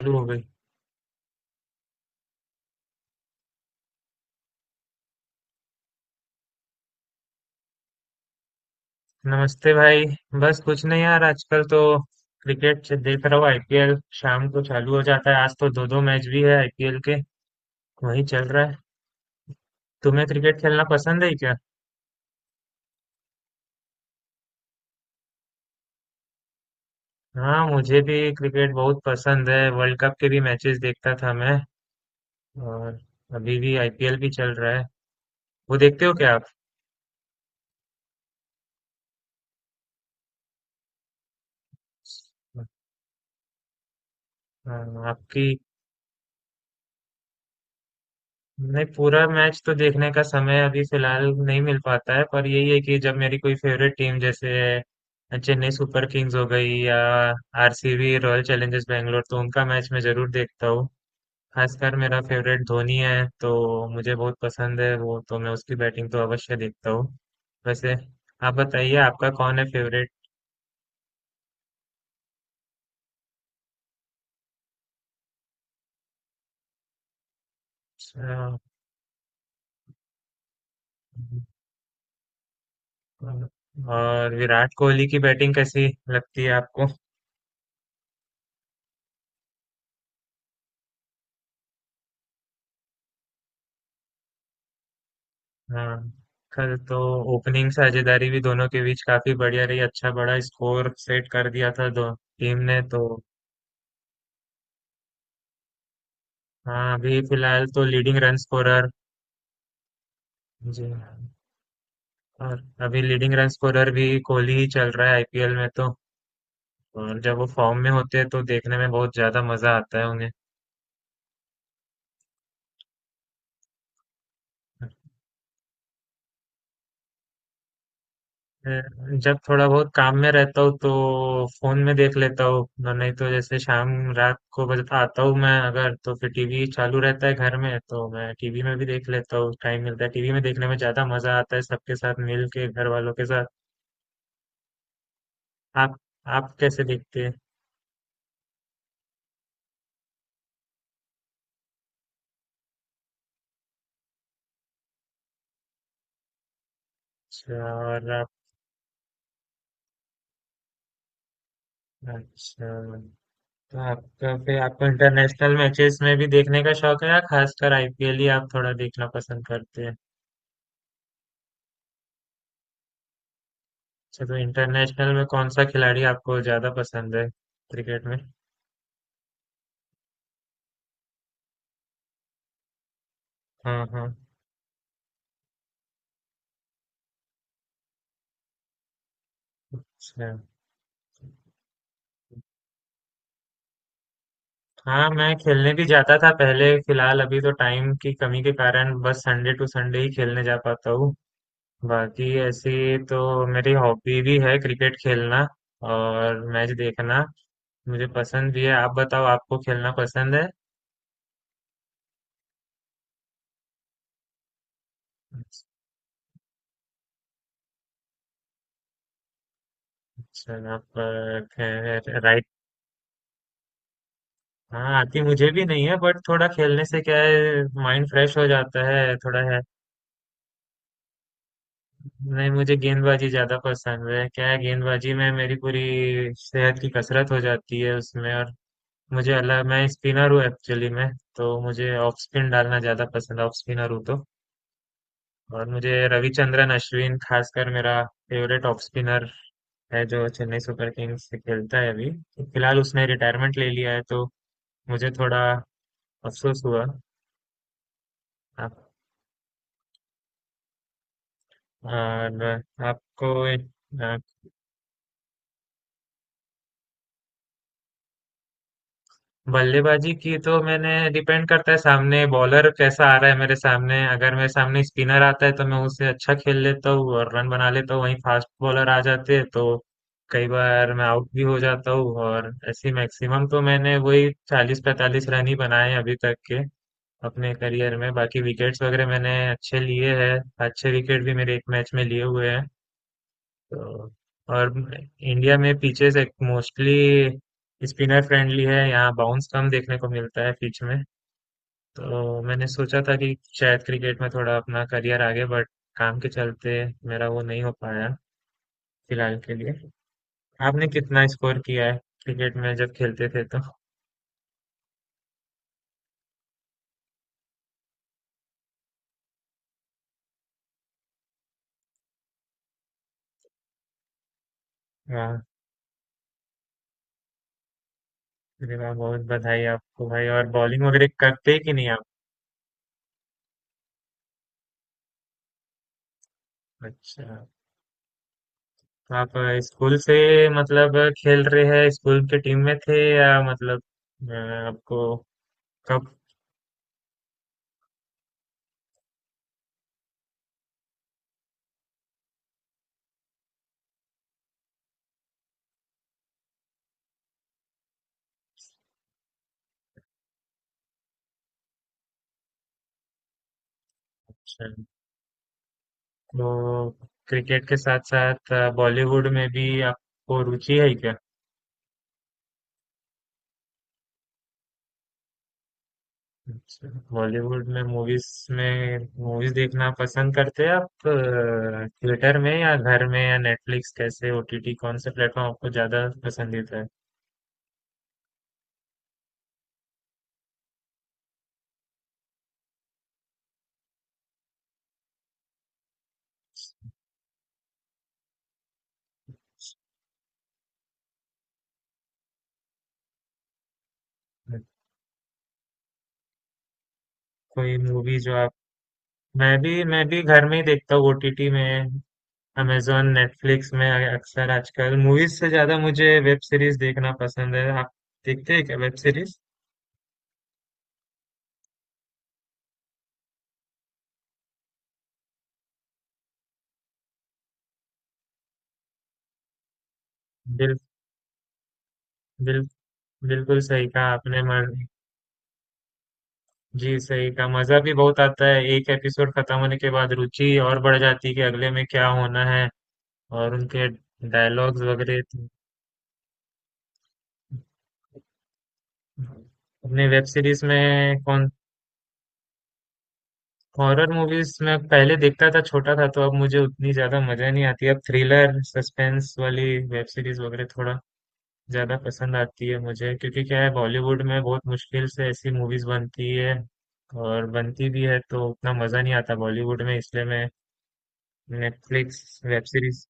चालू हो गई। नमस्ते भाई। बस कुछ नहीं यार, आजकल तो क्रिकेट से देख रहा हूँ। आईपीएल शाम को चालू हो जाता है। आज तो दो दो मैच भी है आईपीएल के। वही चल रहा है। तुम्हें क्रिकेट खेलना पसंद है क्या? हाँ, मुझे भी क्रिकेट बहुत पसंद है। वर्ल्ड कप के भी मैचेस देखता था मैं। और अभी भी आईपीएल भी चल रहा है। वो देखते हो क्या आप? हाँ, आपकी नहीं पूरा मैच तो देखने का समय अभी फिलहाल नहीं मिल पाता है, पर यही है कि जब मेरी कोई फेवरेट टीम जैसे चेन्नई सुपर किंग्स हो गई या आरसीबी रॉयल चैलेंजर्स बैंगलोर, तो उनका मैच मैं जरूर देखता हूँ। खासकर मेरा फेवरेट धोनी है, तो मुझे बहुत पसंद है वो। तो मैं उसकी बैटिंग तो अवश्य देखता हूँ। वैसे आप बताइए आपका कौन है फेवरेट। और विराट कोहली की बैटिंग कैसी लगती है आपको? हाँ, कल तो ओपनिंग साझेदारी भी दोनों के बीच काफी बढ़िया रही। अच्छा बड़ा स्कोर सेट कर दिया था दो टीम ने तो। हाँ अभी फिलहाल तो लीडिंग रन स्कोरर। जी हाँ, और अभी लीडिंग रन स्कोरर भी कोहली ही चल रहा है आईपीएल में तो। और जब वो फॉर्म में होते हैं तो देखने में बहुत ज्यादा मजा आता है उन्हें। मैं जब थोड़ा बहुत काम में रहता हूँ तो फोन में देख लेता हूँ। नहीं तो जैसे शाम रात को बस आता हूँ मैं अगर तो फिर टीवी चालू रहता है घर में, तो मैं टीवी में भी देख लेता हूँ। टाइम मिलता है, टीवी में देखने में ज्यादा मजा आता है सबके साथ मिल के, घर वालों के साथ। आप आप कैसे देखते हैं? अच्छा, और आप? अच्छा, तो आपका फिर आपको इंटरनेशनल मैचेस में भी देखने का शौक है या खासकर आईपीएल ही आप थोड़ा देखना पसंद करते हैं? अच्छा, तो इंटरनेशनल में कौन सा खिलाड़ी आपको ज़्यादा पसंद है क्रिकेट में? हाँ हाँ। अच्छा। हाँ, मैं खेलने भी जाता था पहले। फिलहाल अभी तो टाइम की कमी के कारण बस संडे टू संडे ही खेलने जा पाता हूँ। बाकी ऐसी तो मेरी हॉबी भी है क्रिकेट खेलना और मैच देखना। मुझे पसंद भी है। आप बताओ आपको खेलना पसंद है? अच्छा, आप राइट। हाँ, आती मुझे भी नहीं है, बट थोड़ा खेलने से क्या है माइंड फ्रेश हो जाता है थोड़ा। नहीं, मुझे गेंदबाजी ज़्यादा पसंद है। क्या है, गेंदबाजी में मेरी पूरी सेहत की कसरत हो जाती है उसमें। और मुझे अलग, मैं स्पिनर हूँ एक्चुअली मैं। तो मुझे ऑफ स्पिन डालना ज़्यादा पसंद है, ऑफ स्पिनर हूँ तो। और मुझे रविचंद्रन अश्विन खासकर मेरा फेवरेट ऑफ स्पिनर है, जो चेन्नई सुपर किंग्स से खेलता है अभी। फिलहाल उसने रिटायरमेंट ले लिया है, तो मुझे थोड़ा अफसोस हुआ। आप- और आपको बल्लेबाजी की तो मैंने डिपेंड करता है सामने बॉलर कैसा आ रहा है मेरे सामने। अगर मेरे सामने स्पिनर आता है तो मैं उससे अच्छा खेल लेता हूँ और रन बना लेता हूँ। वहीं फास्ट बॉलर आ जाते हैं तो कई बार मैं आउट भी हो जाता हूँ। और ऐसे मैक्सिमम तो मैंने वही 40-45 रन ही बनाए हैं अभी तक के अपने करियर में। बाकी विकेट्स वगैरह मैंने अच्छे लिए हैं। अच्छे विकेट भी मेरे एक मैच में लिए हुए हैं तो। और इंडिया में पिचेस एक मोस्टली स्पिनर फ्रेंडली है, यहाँ बाउंस कम देखने को मिलता है पिच में। तो मैंने सोचा था कि शायद क्रिकेट में थोड़ा अपना करियर आगे, बट काम के चलते मेरा वो नहीं हो पाया फिलहाल के लिए। आपने कितना स्कोर किया है क्रिकेट में जब खेलते थे तो? वाह, अरे वाह, बहुत बधाई आपको भाई। और बॉलिंग वगैरह करते हैं कि नहीं आप? अच्छा, तो आप स्कूल से मतलब खेल रहे हैं, स्कूल के टीम में थे या मतलब अ, आपको कब? अच्छा, तो क्रिकेट के साथ साथ बॉलीवुड में भी आपको रुचि है क्या? अच्छा, बॉलीवुड में मूवीज देखना पसंद करते हैं आप थिएटर में या घर में या नेटफ्लिक्स, कैसे ओटीटी कौन से प्लेटफॉर्म आपको ज्यादा पसंदीदा है? कोई मूवी जो आप मैं भी घर में ही देखता हूँ ओटीटी में, अमेजोन नेटफ्लिक्स में। अक्सर आजकल मूवीज से ज्यादा मुझे वेब सीरीज देखना पसंद है। आप देखते हैं क्या वेब सीरीज? बिल, बिल्कुल सही कहा आपने मन। जी सही कहा, मजा भी बहुत आता है एक एपिसोड खत्म होने के बाद। रुचि और बढ़ जाती है कि अगले में क्या होना है। और उनके डायलॉग्स वगैरह तो- अपने वेब सीरीज में कौन हॉरर मूवीज में पहले देखता था, छोटा था तो। अब मुझे उतनी ज्यादा मजा नहीं आती, अब थ्रिलर सस्पेंस वाली वेब सीरीज वगैरह थोड़ा ज़्यादा पसंद आती है मुझे। क्योंकि क्या है, बॉलीवुड में बहुत मुश्किल से ऐसी मूवीज़ बनती है, और बनती भी है तो उतना मज़ा नहीं आता बॉलीवुड में। इसलिए मैं नेटफ्लिक्स वेब सीरीज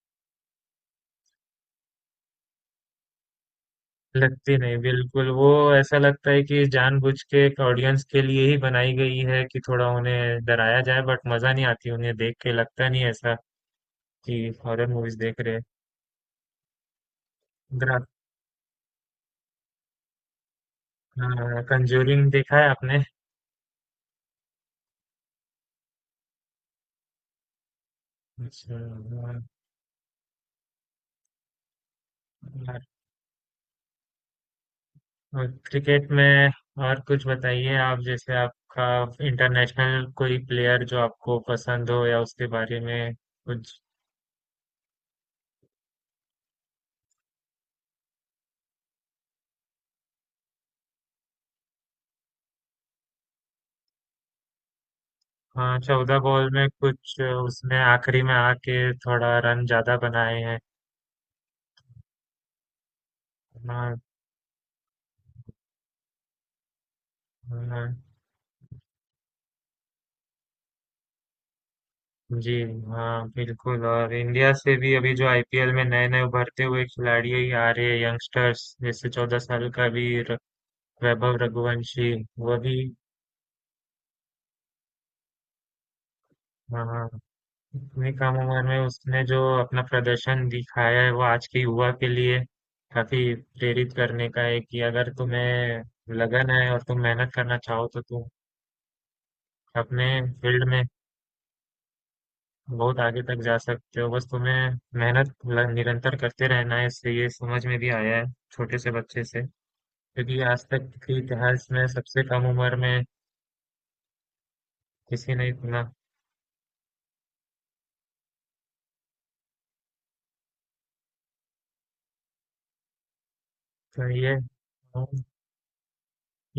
लगती नहीं, बिल्कुल वो। ऐसा लगता है कि जानबूझ के एक ऑडियंस के लिए ही बनाई गई है कि थोड़ा उन्हें डराया जाए, बट मज़ा नहीं आती उन्हें देख के। लगता नहीं ऐसा कि हॉरर मूवीज़ देख रहे हैं। कंजूरिंग देखा है आपने? अच्छा। हाँ, और क्रिकेट में और कुछ बताइए आप। जैसे आपका इंटरनेशनल कोई प्लेयर जो आपको पसंद हो या उसके बारे में कुछ। हाँ, 14 बॉल में कुछ उसने आखिरी में आके थोड़ा रन ज्यादा बनाए हैं। हाँ हाँ, जी हाँ, बिल्कुल। और इंडिया से भी अभी जो आईपीएल में नए नए उभरते हुए खिलाड़ी ही आ रहे हैं, यंगस्टर्स, जैसे 14 साल का भी वैभव रघुवंशी। वह भी। हाँ, इतनी कम उम्र में उसने जो अपना प्रदर्शन दिखाया है वो आज के युवा के लिए काफी प्रेरित करने का है कि अगर तुम्हें लगन है और तुम मेहनत करना चाहो तो तुम अपने फील्ड में बहुत आगे तक जा सकते हो। बस तुम्हें मेहनत निरंतर करते रहना है। इससे ये समझ में भी आया है छोटे से बच्चे से, क्योंकि आज तक के इतिहास में सबसे कम उम्र में किसी ने इतना। तो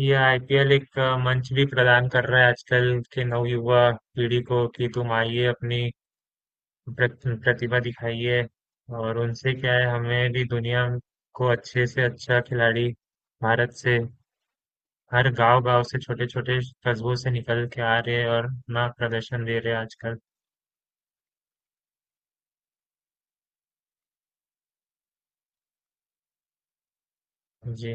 ये आईपीएल एक मंच भी प्रदान कर रहा है आजकल के नवयुवा पीढ़ी को कि तुम आइए अपनी प्रतिभा दिखाइए। और उनसे क्या है, हमें भी दुनिया को अच्छे से अच्छा खिलाड़ी भारत से, हर गांव गांव से, छोटे छोटे कस्बों से निकल के आ रहे हैं और अपना प्रदर्शन दे रहे हैं आजकल। जी,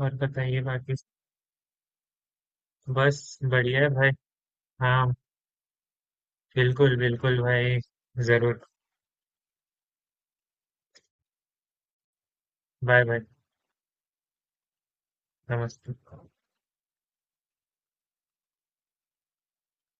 और बताइए बाकी। बस बढ़िया है भाई। हाँ, बिल्कुल बिल्कुल भाई। जरूर। Bye bye. नमस्ते।